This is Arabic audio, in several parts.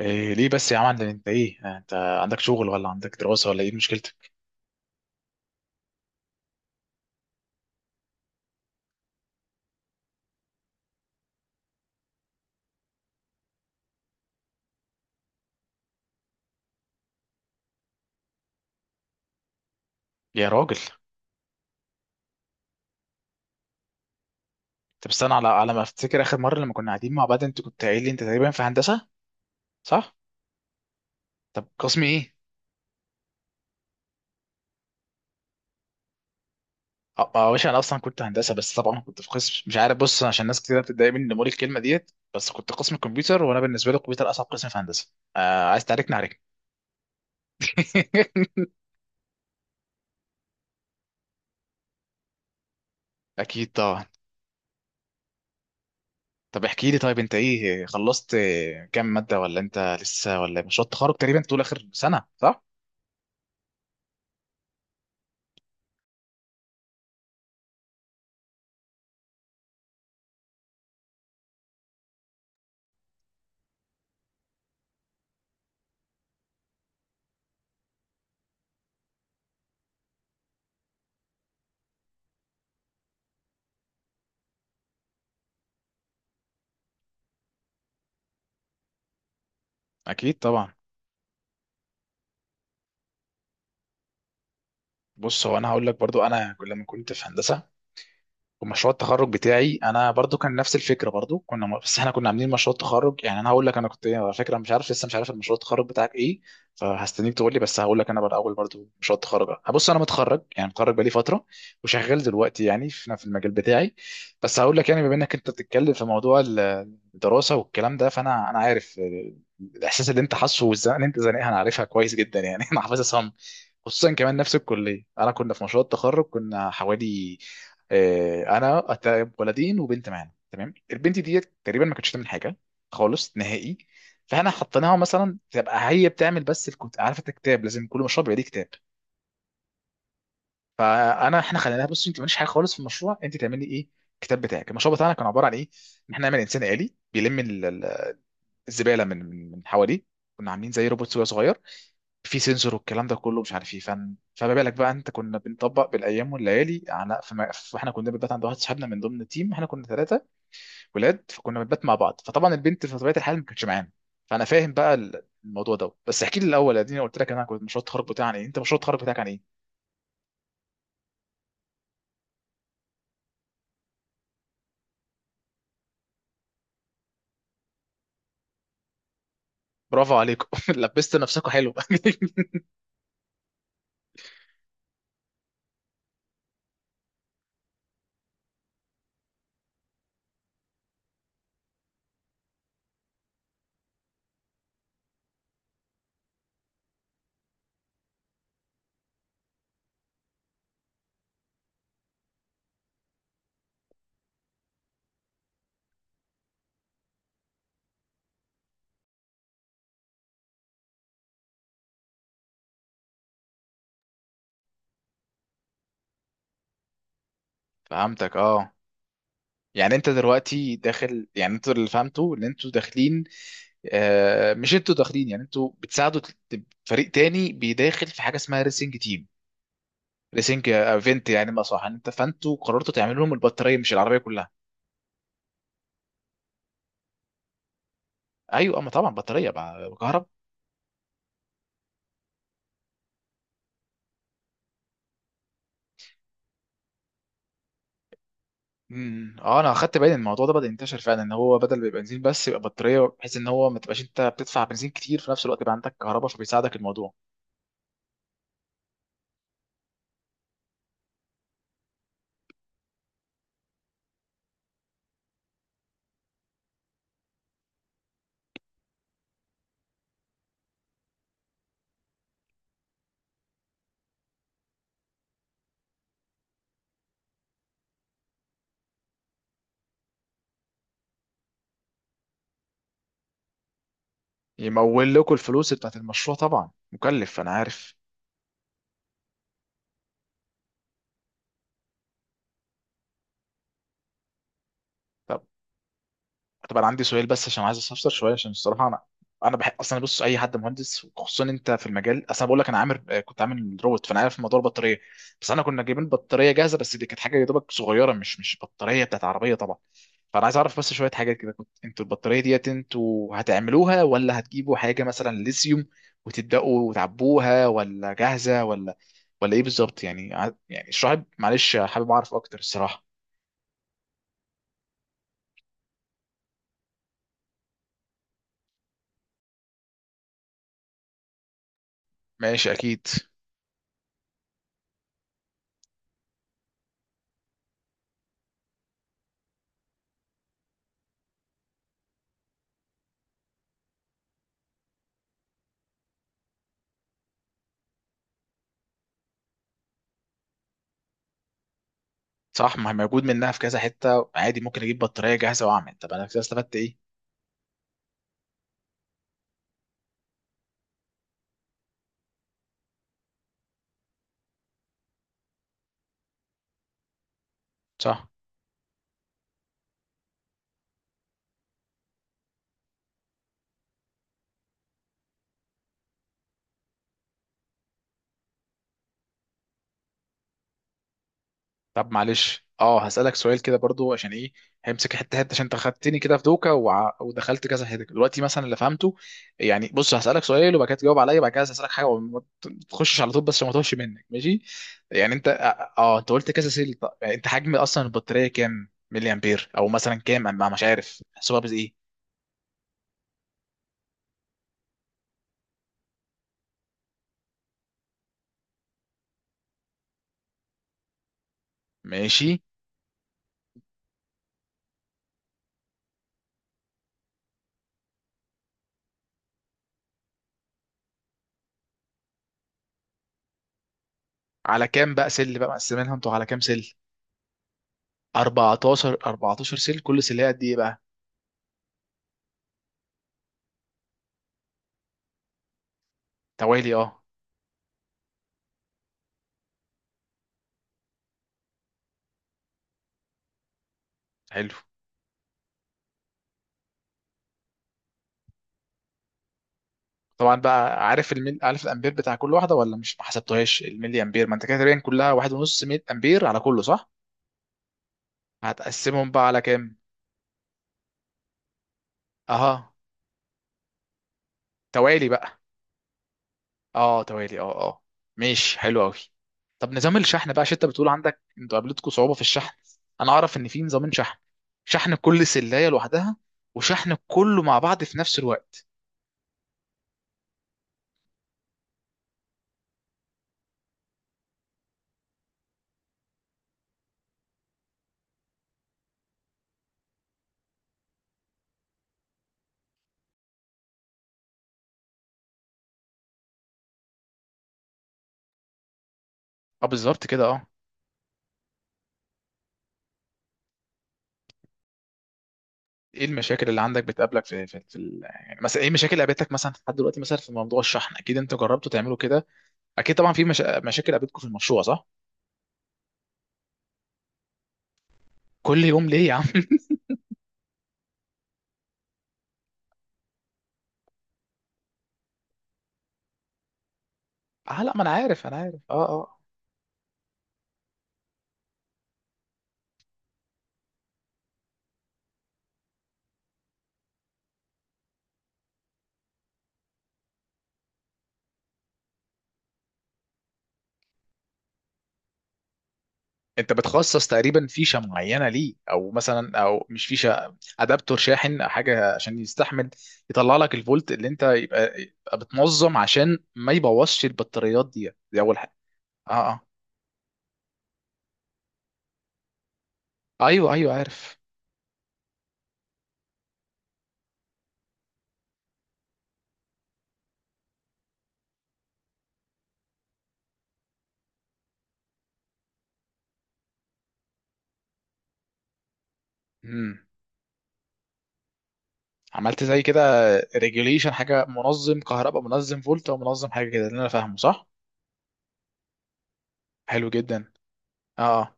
إيه ليه بس يا عم عندك انت ايه يعني انت عندك شغل ولا عندك دراسة ولا ايه مشكلتك يا راجل؟ طب استنى، على ما افتكر اخر مرة لما كنا قاعدين مع بعض انت كنت قايل لي انت تقريبا في هندسة، صح؟ طب قسم ايه؟ اه، يا باشا انا اصلا كنت هندسة بس طبعا كنت في قسم مش عارف. بص عشان ناس كتير بتتضايق مني لما اقول الكلمة ديت، بس كنت قسم كمبيوتر، وانا بالنسبة لي الكمبيوتر اصعب قسم في هندسة. عايز تعاركني عليك؟ اكيد طبعا. طب احكي لي، طيب انت ايه خلصت، كام مادة، ولا انت لسه، ولا مشروع التخرج تقريبا طول اخر سنة، صح؟ اكيد طبعا. بص، هو انا هقول لك برضو، انا لما كنت في هندسه ومشروع التخرج بتاعي انا برضو كان نفس الفكره. برضو كنا بس احنا كنا عاملين مشروع تخرج يعني. انا هقول لك انا كنت، على فكره مش عارف، لسه مش عارف المشروع التخرج بتاعك ايه، فهستنيك تقول لي. بس هقول لك انا بقى الاول برضو مشروع التخرج. هبص، انا متخرج يعني، متخرج بقالي فتره وشغال دلوقتي يعني في المجال بتاعي. بس هقول لك يعني بما انك انت بتتكلم في موضوع الدراسه والكلام ده، فانا عارف الاحساس اللي انت حاسه والزنقه اللي انت زنقها، انا عارفها كويس جدا يعني. انا حافظها صم. خصوصا كمان نفس الكليه، انا كنا في مشروع التخرج كنا حوالي، انا ولدين وبنت معانا، تمام. البنت دي تقريبا ما كانتش تعمل حاجه خالص، نهائي. فاحنا حطيناها مثلا تبقى هي بتعمل بس عارفه الكتاب، لازم كل مشروع بيبقى ليه كتاب. احنا خليناها، بصي انت ماليش حاجه خالص في المشروع، انت تعملي ايه؟ الكتاب بتاعك. المشروع بتاعنا كان عباره عن ايه؟ ان احنا نعمل انسان آلي بيلم الزباله من حواليه. كنا عاملين زي روبوت كده صغير، في سنسور والكلام ده كله مش عارف ايه فن. فما بالك بقى؟ انت كنا بنطبق بالايام والليالي، فاحنا كنا بنبات عند واحد صاحبنا من ضمن التيم، احنا كنا ثلاثه ولاد، فكنا بنبات مع بعض. فطبعا البنت في طبيعه الحال ما كانتش معانا. فانا فاهم بقى الموضوع ده. بس احكي لي الاول، اديني، قلت لك انا كنت مشروع التخرج بتاعي عن ايه، انت مشروع التخرج بتاعك عن ايه؟ برافو عليكم. لبست نفسكم حلو. فهمتك اه. يعني انت دلوقتي داخل، يعني انت اللي فهمته ان انتوا داخلين، مش انتوا داخلين يعني، انتوا بتساعدوا فريق تاني بيداخل في حاجه اسمها ريسنج تيم، ريسنج ايفنت يعني، ما صح؟ يعني انت، فانتوا قررتوا تعملوا لهم البطاريه مش العربيه كلها. ايوه، اما طبعا بطاريه بقى كهرب. اه، انا اخدت بالي إن الموضوع ده بدا ينتشر فعلا، ان هو بدل ما يبقى بنزين بس يبقى بطاريه، بحيث ان هو ما تبقاش انت بتدفع بنزين كتير. في نفس الوقت يبقى عندك كهرباء فبيساعدك الموضوع. يمول لكم الفلوس بتاعت المشروع، طبعا مكلف، انا عارف. طب طب انا عندي سؤال، بس عشان عايز استفسر شويه، عشان الصراحه انا بحب اصلا. بص، اي حد مهندس خصوصا انت في المجال، اصلا بقول لك انا عامل آه، كنت عامل روبوت، فانا عارف موضوع البطاريه. بس انا كنا جايبين بطاريه جاهزه، بس دي كانت حاجه يا دوبك صغيره، مش بطاريه بتاعت عربيه طبعا. فانا عايز اعرف بس شويه حاجات كده، كنت انتوا البطاريه ديت انتوا هتعملوها، ولا هتجيبوا حاجه مثلا ليثيوم وتبداوا تعبوها، ولا جاهزه، ولا ايه بالظبط يعني؟ يعني معلش حابب اعرف اكتر الصراحه. ماشي، اكيد. صح، ما هي موجود منها في كذا حته عادي، ممكن اجيب بطاريه جاهزه واعمل. طب انا كده استفدت ايه؟ صح. طب معلش، اه هسالك سؤال كده برضو عشان ايه، همسك حته حته عشان انت خدتني كده في دوكا، ودخلت كذا حته دلوقتي. مثلا اللي فهمته يعني، بص هسالك سؤال وبعد كده تجاوب عليا، وبعد كده هسالك حاجه وما تخشش على طول، بس عشان ما توهش منك، ماشي؟ يعني انت اه آه، انت قلت كذا سيل. طب يعني انت حجم اصلا البطاريه كام ملي امبير، او مثلا كام؟ انا مش عارف احسبها بايه. ماشي. على كام بقى سل بقى مقسمينها انتوا، على كام سل؟ 14 14 سيل، كل سيلها قد ايه بقى؟ توالي اه. حلو. طبعا بقى عارف الميل، عارف الامبير بتاع كل واحده، ولا مش، ما حسبتهاش الملي امبير؟ ما انت كده تقريبا كلها واحد ونص ميل امبير على كله، صح؟ هتقسمهم بقى على كام؟ اها، توالي بقى. اه توالي، اه اه. ماشي، حلو قوي. طب نظام الشحن بقى، عشان انت بتقول عندك انتوا قابلتكم صعوبه في الشحن. انا اعرف ان في نظام شحن، شحن كل سلايه لوحدها، وشحن كله مع بعض في نفس الوقت. اه بالظبط كده اه. ايه المشاكل اللي عندك بتقابلك في يعني، مثلا ايه المشاكل اللي قابلتك مثلا لحد دلوقتي مثلا في موضوع الشحن؟ اكيد انتوا جربتوا تعملوا كده، اكيد طبعا في مشاكل قابلتكم في المشروع، صح. كل يوم ليه يا عم؟ اه لا، ما انا عارف، انا عارف، اه اه. انت بتخصص تقريبا فيشه معينه ليه، او مثلا، او مش فيشه ادابتور، شاحن حاجه عشان يستحمل يطلع لك الفولت اللي انت يبقى بتنظم، عشان ما يبوظش البطاريات دي. دي اول حاجه. اه اه. ايوه ايوه، عارف. عملت زي كده، ريجوليشن، حاجه منظم كهرباء، منظم فولت، او منظم حاجه كده، اللي انا فاهمه، صح؟ حلو جدا. اه،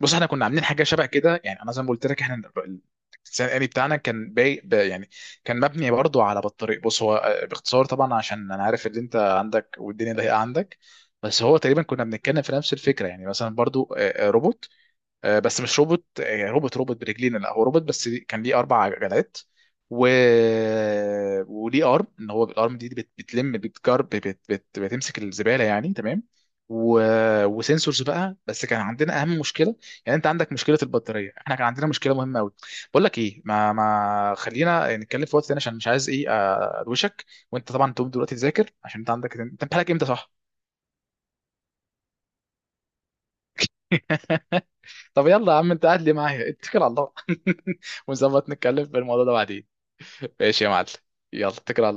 بص، احنا كنا عاملين حاجه شبه كده يعني، انا زي ما قلت لك، احنا الانسان الالي بتاعنا كان يعني كان مبني برضو على بطاريق. بص، هو باختصار طبعا عشان انا عارف ان انت عندك والدنيا ضيقه عندك. بس هو تقريبا كنا بنتكلم في نفس الفكره يعني، مثلا برضو، روبوت، بس مش روبوت، روبوت برجلين، لا هو روبوت بس كان ليه اربع جناحات. و... وليه ارم، ان هو الارم دي بتلم، بتجرب، بتمسك الزباله يعني، تمام. و... وسنسورز بقى. بس كان عندنا اهم مشكله، يعني انت عندك مشكله البطاريه، احنا كان عندنا مشكله مهمه قوي. بقول لك ايه، ما خلينا نتكلم في وقت تاني، عشان مش عايز ايه ادوشك، وانت طبعا تقوم دلوقتي تذاكر، عشان انت عندك، انت امتحانك امتى؟ صح. طب يلا يا عم، انت قاعد لي معايا، اتكل على الله. ونظبط نتكلم في الموضوع ده بعدين. ماشي يا معلم. يلا اتكل على الله.